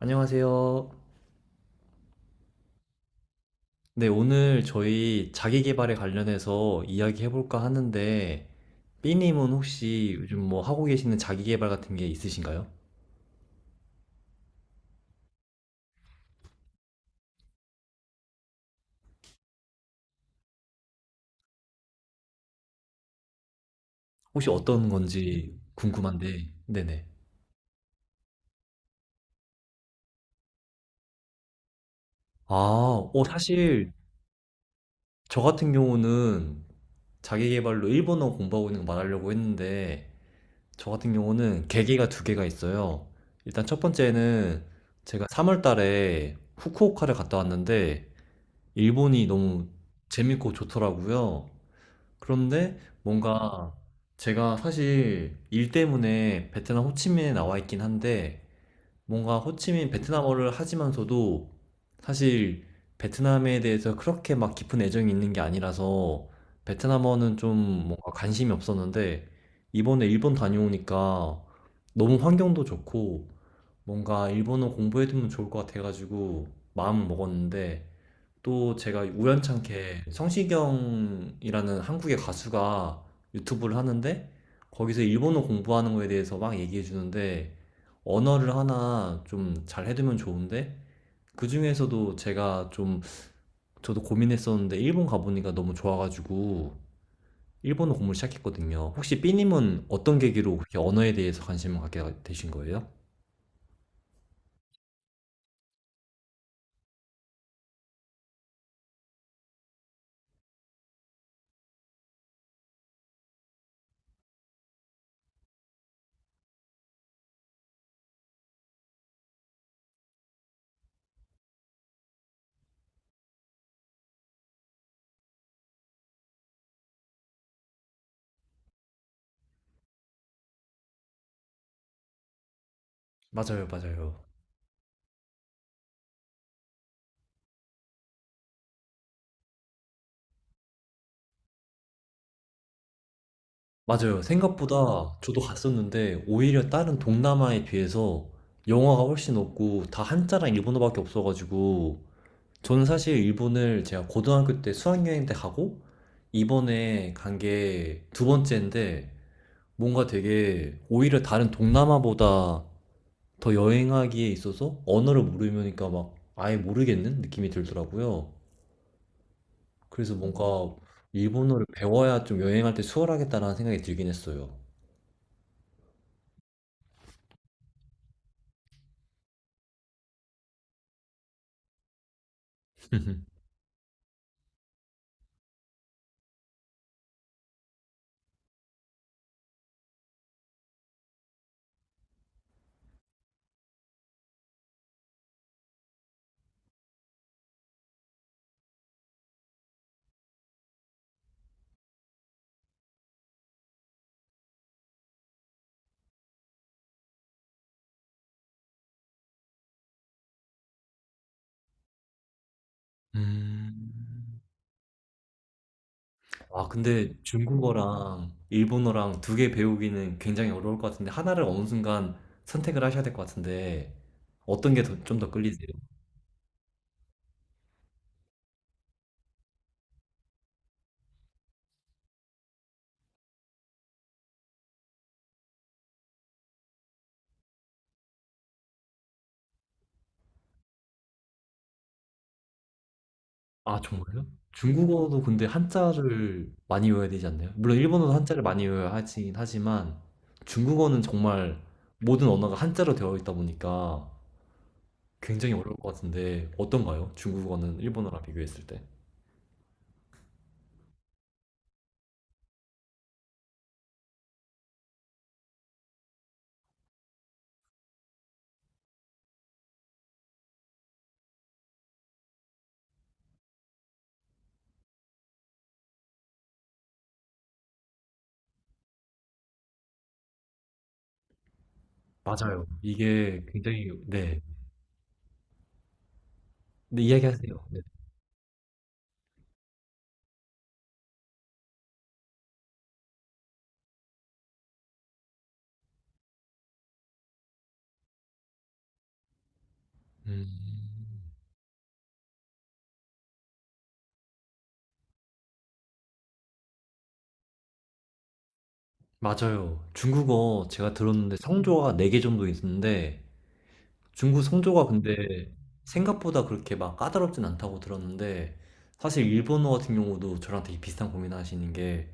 안녕하세요. 네, 오늘 저희 자기계발에 관련해서 이야기해볼까 하는데, B님은 혹시 요즘 뭐 하고 계시는 자기계발 같은 게 있으신가요? 혹시 어떤 건지 궁금한데, 네네. 아, 어, 사실 저 같은 경우는 자기계발로 일본어 공부하고 있는 거 말하려고 했는데, 저 같은 경우는 계기가 두 개가 있어요. 일단 첫 번째는 제가 3월 달에 후쿠오카를 갔다 왔는데, 일본이 너무 재밌고 좋더라고요. 그런데 뭔가 제가 사실 일 때문에 베트남 호치민에 나와 있긴 한데 뭔가 호치민 베트남어를 하지만서도 사실 베트남에 대해서 그렇게 막 깊은 애정이 있는 게 아니라서 베트남어는 좀 뭔가 관심이 없었는데 이번에 일본 다녀오니까 너무 환경도 좋고 뭔가 일본어 공부해두면 좋을 것 같아가지고 마음 먹었는데 또 제가 우연찮게 성시경이라는 한국의 가수가 유튜브를 하는데 거기서 일본어 공부하는 거에 대해서 막 얘기해 주는데 언어를 하나 좀 잘 해두면 좋은데 그 중에서도 제가 좀 저도 고민했었는데 일본 가보니까 너무 좋아가지고 일본어 공부를 시작했거든요. 혹시 삐님은 어떤 계기로 그렇게 언어에 대해서 관심을 갖게 되신 거예요? 맞아요, 맞아요. 맞아요. 생각보다 저도 갔었는데 오히려 다른 동남아에 비해서 영어가 훨씬 없고 다 한자랑 일본어밖에 없어가지고 저는 사실 일본을 제가 고등학교 때 수학여행 때 가고 이번에 간 게 두 번째인데 뭔가 되게 오히려 다른 동남아보다 더 여행하기에 있어서 언어를 모르니까 막 아예 모르겠는 느낌이 들더라고요. 그래서 뭔가 일본어를 배워야 좀 여행할 때 수월하겠다라는 생각이 들긴 했어요. 음. 아, 근데 중국어랑 일본어랑 두 개 배우기는 굉장히 어려울 것 같은데, 하나를 어느 순간 선택을 하셔야 될 것 같은데, 어떤 게 좀 더 끌리세요? 아, 정말요? 중국어도 근데 한자를 많이 외워야 되지 않나요? 물론 일본어도 한자를 많이 외워야 하긴 하지만, 중국어는 정말 모든 언어가 한자로 되어 있다 보니까 굉장히 어려울 것 같은데, 어떤가요? 중국어는 일본어랑 비교했을 때. 맞아요. 이게 굉장히, 네. 네, 이야기하세요. 네. 음. 맞아요. 중국어 제가 들었는데 성조가 4개 정도 있는데 중국 성조가 근데 생각보다 그렇게 막 까다롭진 않다고 들었는데 사실 일본어 같은 경우도 저랑 되게 비슷한 고민을 하시는 게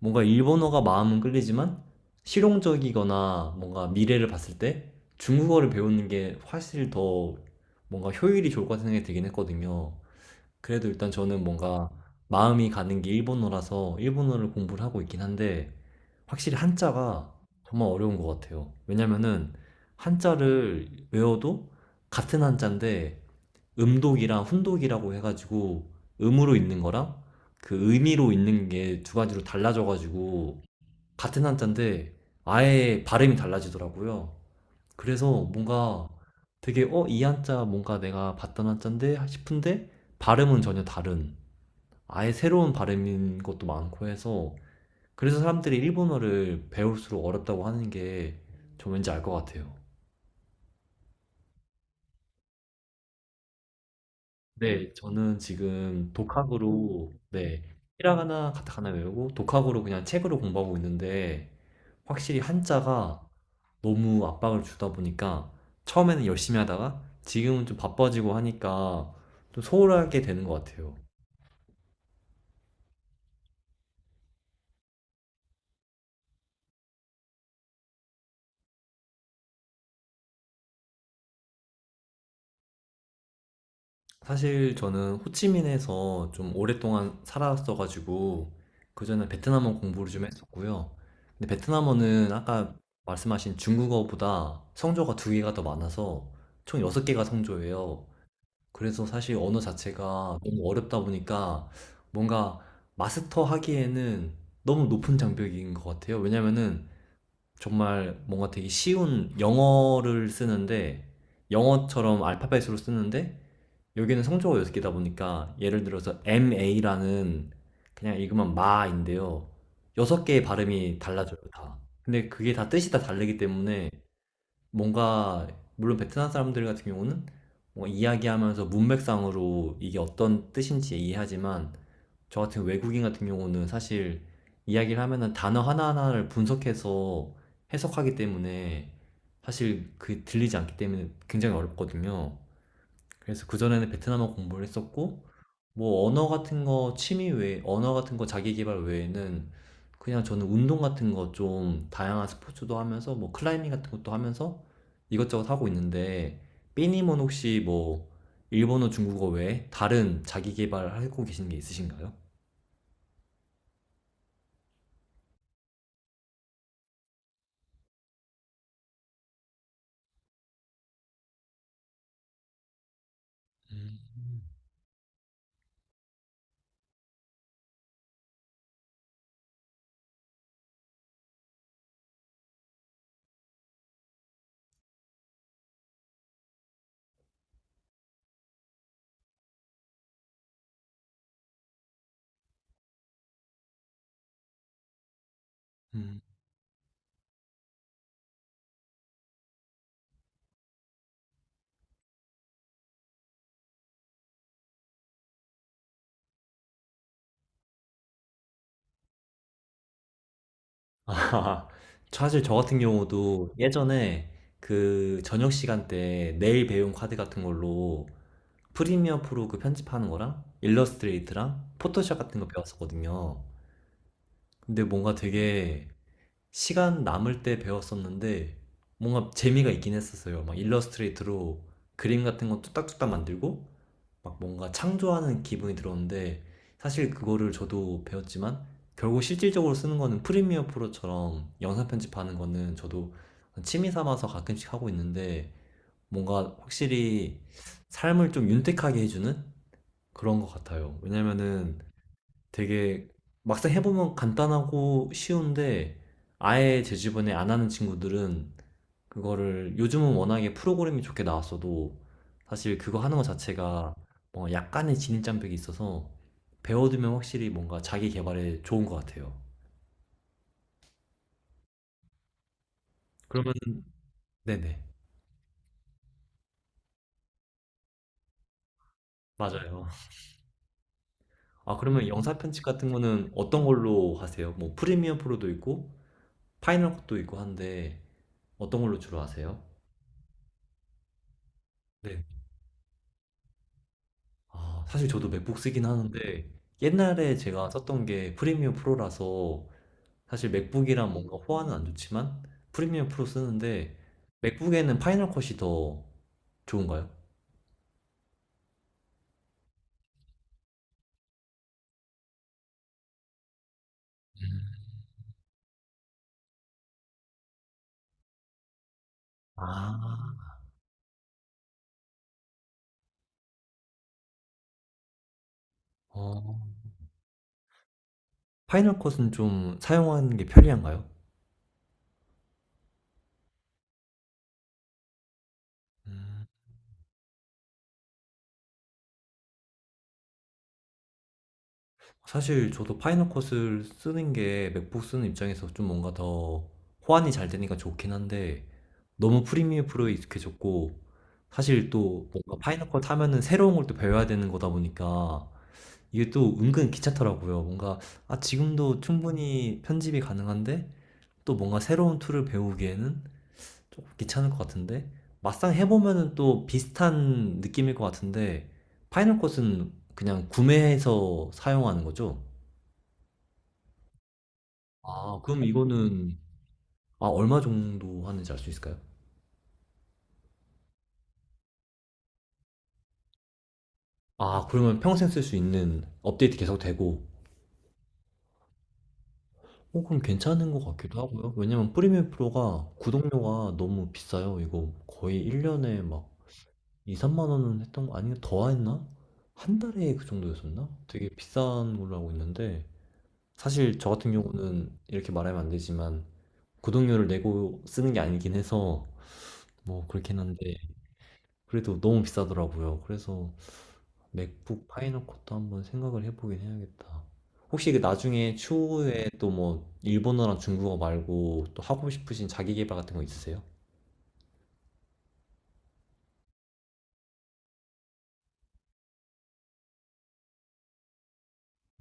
뭔가 일본어가 마음은 끌리지만 실용적이거나 뭔가 미래를 봤을 때 중국어를 배우는 게 훨씬 더 뭔가 효율이 좋을 것 같은 생각이 들긴 했거든요. 그래도 일단 저는 뭔가 마음이 가는 게 일본어라서 일본어를 공부를 하고 있긴 한데 확실히 한자가 정말 어려운 것 같아요. 왜냐면은 한자를 외워도 같은 한자인데 음독이랑 훈독이라고 해가지고 음으로 읽는 거랑 그 의미로 읽는 게 두 가지로 달라져가지고 같은 한자인데 아예 발음이 달라지더라고요. 그래서 뭔가 되게 어, 이 한자 뭔가 내가 봤던 한자인데 싶은데 발음은 전혀 다른 아예 새로운 발음인 것도 많고 해서 그래서 사람들이 일본어를 배울수록 어렵다고 하는 게 저 왠지 알 것 같아요. 네, 저는 지금 독학으로 네, 히라가나 가타카나 외우고 독학으로 그냥 책으로 공부하고 있는데 확실히 한자가 너무 압박을 주다 보니까 처음에는 열심히 하다가 지금은 좀 바빠지고 하니까 좀 소홀하게 되는 것 같아요. 사실 저는 호치민에서 좀 오랫동안 살았어가지고 그전에 베트남어 공부를 좀 했었고요. 근데 베트남어는 아까 말씀하신 중국어보다 성조가 두 개가 더 많아서 총 여섯 개가 성조예요. 그래서 사실 언어 자체가 너무 어렵다 보니까 뭔가 마스터하기에는 너무 높은 장벽인 것 같아요. 왜냐면은 정말 뭔가 되게 쉬운 영어를 쓰는데 영어처럼 알파벳으로 쓰는데 여기는 성조가 여섯 개다 보니까 예를 들어서 MA라는 그냥 읽으면 마인데요. 여섯 개의 발음이 달라져요, 다. 근데 그게 다 뜻이 다 다르기 때문에 뭔가 물론 베트남 사람들 같은 경우는 뭔가 이야기하면서 문맥상으로 이게 어떤 뜻인지 이해하지만 저 같은 외국인 같은 경우는 사실 이야기를 하면은 단어 하나하나를 분석해서 해석하기 때문에 사실 그 들리지 않기 때문에 굉장히 어렵거든요. 그래서 그전에는 베트남어 공부를 했었고, 뭐 언어 같은 거 취미 외에, 언어 같은 거 자기 개발 외에는 그냥 저는 운동 같은 거 좀 다양한 스포츠도 하면서 뭐 클라이밍 같은 것도 하면서 이것저것 하고 있는데, 삐님은 혹시 뭐 일본어, 중국어 외에 다른 자기 개발하고 계신 게 있으신가요? 음. 아, 사실 저 같은 경우도 예전에 그 저녁 시간 때 내일 배운 카드 같은 걸로 프리미어 프로 그 편집하는 거랑 일러스트레이트랑 포토샵 같은 거 배웠었거든요. 근데 뭔가 되게 시간 남을 때 배웠었는데 뭔가 재미가 있긴 했었어요. 막 일러스트레이트로 그림 같은 거 뚝딱뚝딱 만들고 막 뭔가 창조하는 기분이 들었는데 사실 그거를 저도 배웠지만 결국 실질적으로 쓰는 거는 프리미어 프로처럼 영상 편집하는 거는 저도 취미 삼아서 가끔씩 하고 있는데 뭔가 확실히 삶을 좀 윤택하게 해주는 그런 것 같아요. 왜냐면은 되게 막상 해보면 간단하고 쉬운데 아예 제 주변에 안 하는 친구들은 그거를 요즘은 워낙에 프로그램이 좋게 나왔어도 사실 그거 하는 것 자체가 뭔가 약간의 진입장벽이 있어서 배워두면 확실히 뭔가 자기 개발에 좋은 것 같아요. 그러면 네네. 맞아요. 아, 그러면 영상 편집 같은 거는 어떤 걸로 하세요? 뭐 프리미어 프로도 있고 파이널 컷도 있고 한데 어떤 걸로 주로 하세요? 네. 아, 사실 저도 맥북 쓰긴 하는데 옛날에 제가 썼던 게 프리미엄 프로라서 사실 맥북이랑 뭔가 호환은 안 좋지만 프리미엄 프로 쓰는데 맥북에는 파이널 컷이 더 좋은가요? 아, 어. 파이널 컷은 좀 사용하는 게 편리한가요? 음. 사실 저도 파이널컷을 쓰는 게 맥북 쓰는 입장에서 좀 뭔가 더 호환이 잘 되니까 좋긴 한데 너무 프리미어 프로에 익숙해졌고 사실 또 뭔가 파이널컷 하면은 새로운 걸 또 배워야 되는 거다 보니까 이게 또 은근 귀찮더라고요. 뭔가 아 지금도 충분히 편집이 가능한데 또 뭔가 새로운 툴을 배우기에는 조금 귀찮을 것 같은데 막상 해보면은 또 비슷한 느낌일 것 같은데 파이널컷은 그냥 구매해서 사용하는 거죠? 아, 그럼 이거는, 아, 얼마 정도 하는지 알 수 있을까요? 아, 그러면 평생 쓸 수 있는 업데이트 계속 되고, 어, 그럼 괜찮은 것 같기도 하고요. 왜냐면 프리미엄 프로가 구독료가 너무 비싸요. 이거 거의 1년에 막 2, 3만 원은 했던 거, 아니면 더 했나? 한 달에 그 정도였었나? 되게 비싼 걸로 알고 있는데, 사실 저 같은 경우는 이렇게 말하면 안 되지만, 구독료를 내고 쓰는 게 아니긴 해서, 뭐, 그렇긴 한데, 그래도 너무 비싸더라고요. 그래서, 맥북 파이널 컷도 한번 생각을 해보긴 해야겠다. 혹시 그 나중에 추후에 또 뭐 일본어랑 중국어 말고 또 하고 싶으신 자기 개발 같은 거 있으세요?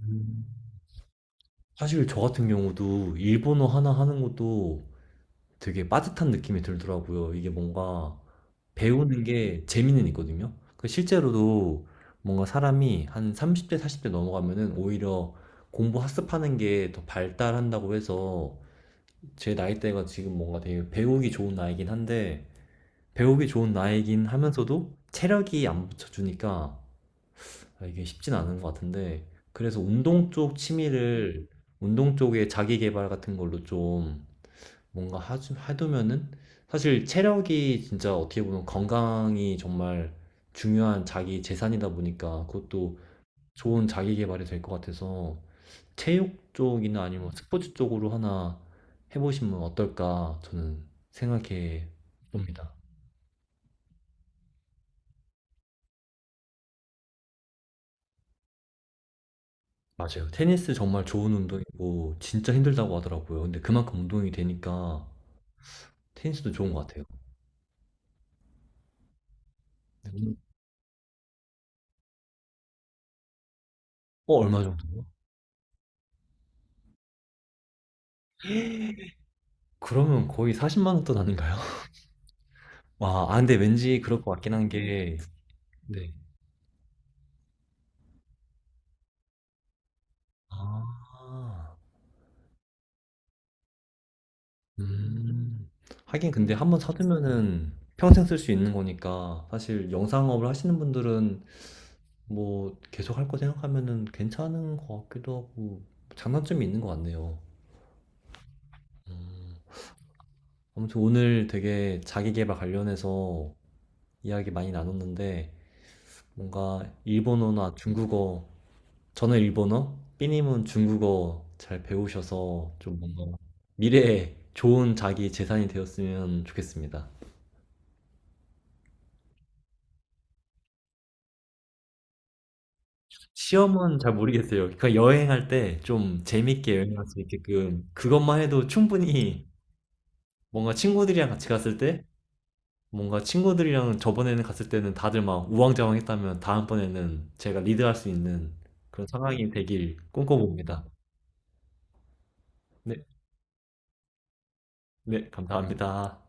음. 사실 저 같은 경우도 일본어 하나 하는 것도 되게 빠듯한 느낌이 들더라고요. 이게 뭔가 배우는 게 재미는 있거든요. 그 실제로도 뭔가 사람이 한 30대, 40대 넘어가면은 오히려 공부 학습하는 게 더 발달한다고 해서 제 나이대가 지금 뭔가 되게 배우기 좋은 나이긴 한데 배우기 좋은 나이긴 하면서도 체력이 안 붙여주니까 아, 이게 쉽진 않은 것 같은데 그래서 운동 쪽 취미를 운동 쪽에 자기 개발 같은 걸로 좀 뭔가 하, 해두면은 사실 체력이 진짜 어떻게 보면 건강이 정말 중요한 자기 재산이다 보니까 그것도 좋은 자기 개발이 될 것 같아서 체육 쪽이나 아니면 스포츠 쪽으로 하나 해보시면 어떨까 저는 생각해 봅니다. 맞아요. 테니스 정말 좋은 운동이고 진짜 힘들다고 하더라고요. 근데 그만큼 운동이 되니까 테니스도 좋은 것 같아요. 음. 어, 얼마 정도요? 그러면 거의 40만 원 돈 아닌가요? 와, 아, 근데 왠지 그럴 것 같긴 한 게, 네. 아, 음. 하긴 근데 한 번 사두면은 평생 쓸 수 있는 거니까 사실 영상업을 하시는 분들은 뭐 계속 할 거 생각하면은 괜찮은 것 같기도 하고 장단점이 있는 것 같네요. 음. 아무튼 오늘 되게 자기계발 관련해서 이야기 많이 나눴는데 뭔가 일본어나 중국어 저는 일본어, 삐님은 중국어 잘 배우셔서 좀 뭔가 미래에 좋은 자기 재산이 되었으면 좋겠습니다. 시험은 잘 모르겠어요. 그러니까 여행할 때 좀 재밌게 여행할 수 있게끔 그것만 해도 충분히 뭔가 친구들이랑 같이 갔을 때 뭔가 친구들이랑 저번에는 갔을 때는 다들 막 우왕좌왕했다면 다음번에는 제가 리드할 수 있는 그런 상황이 되길 꿈꿔봅니다. 네, 네, 감사합니다.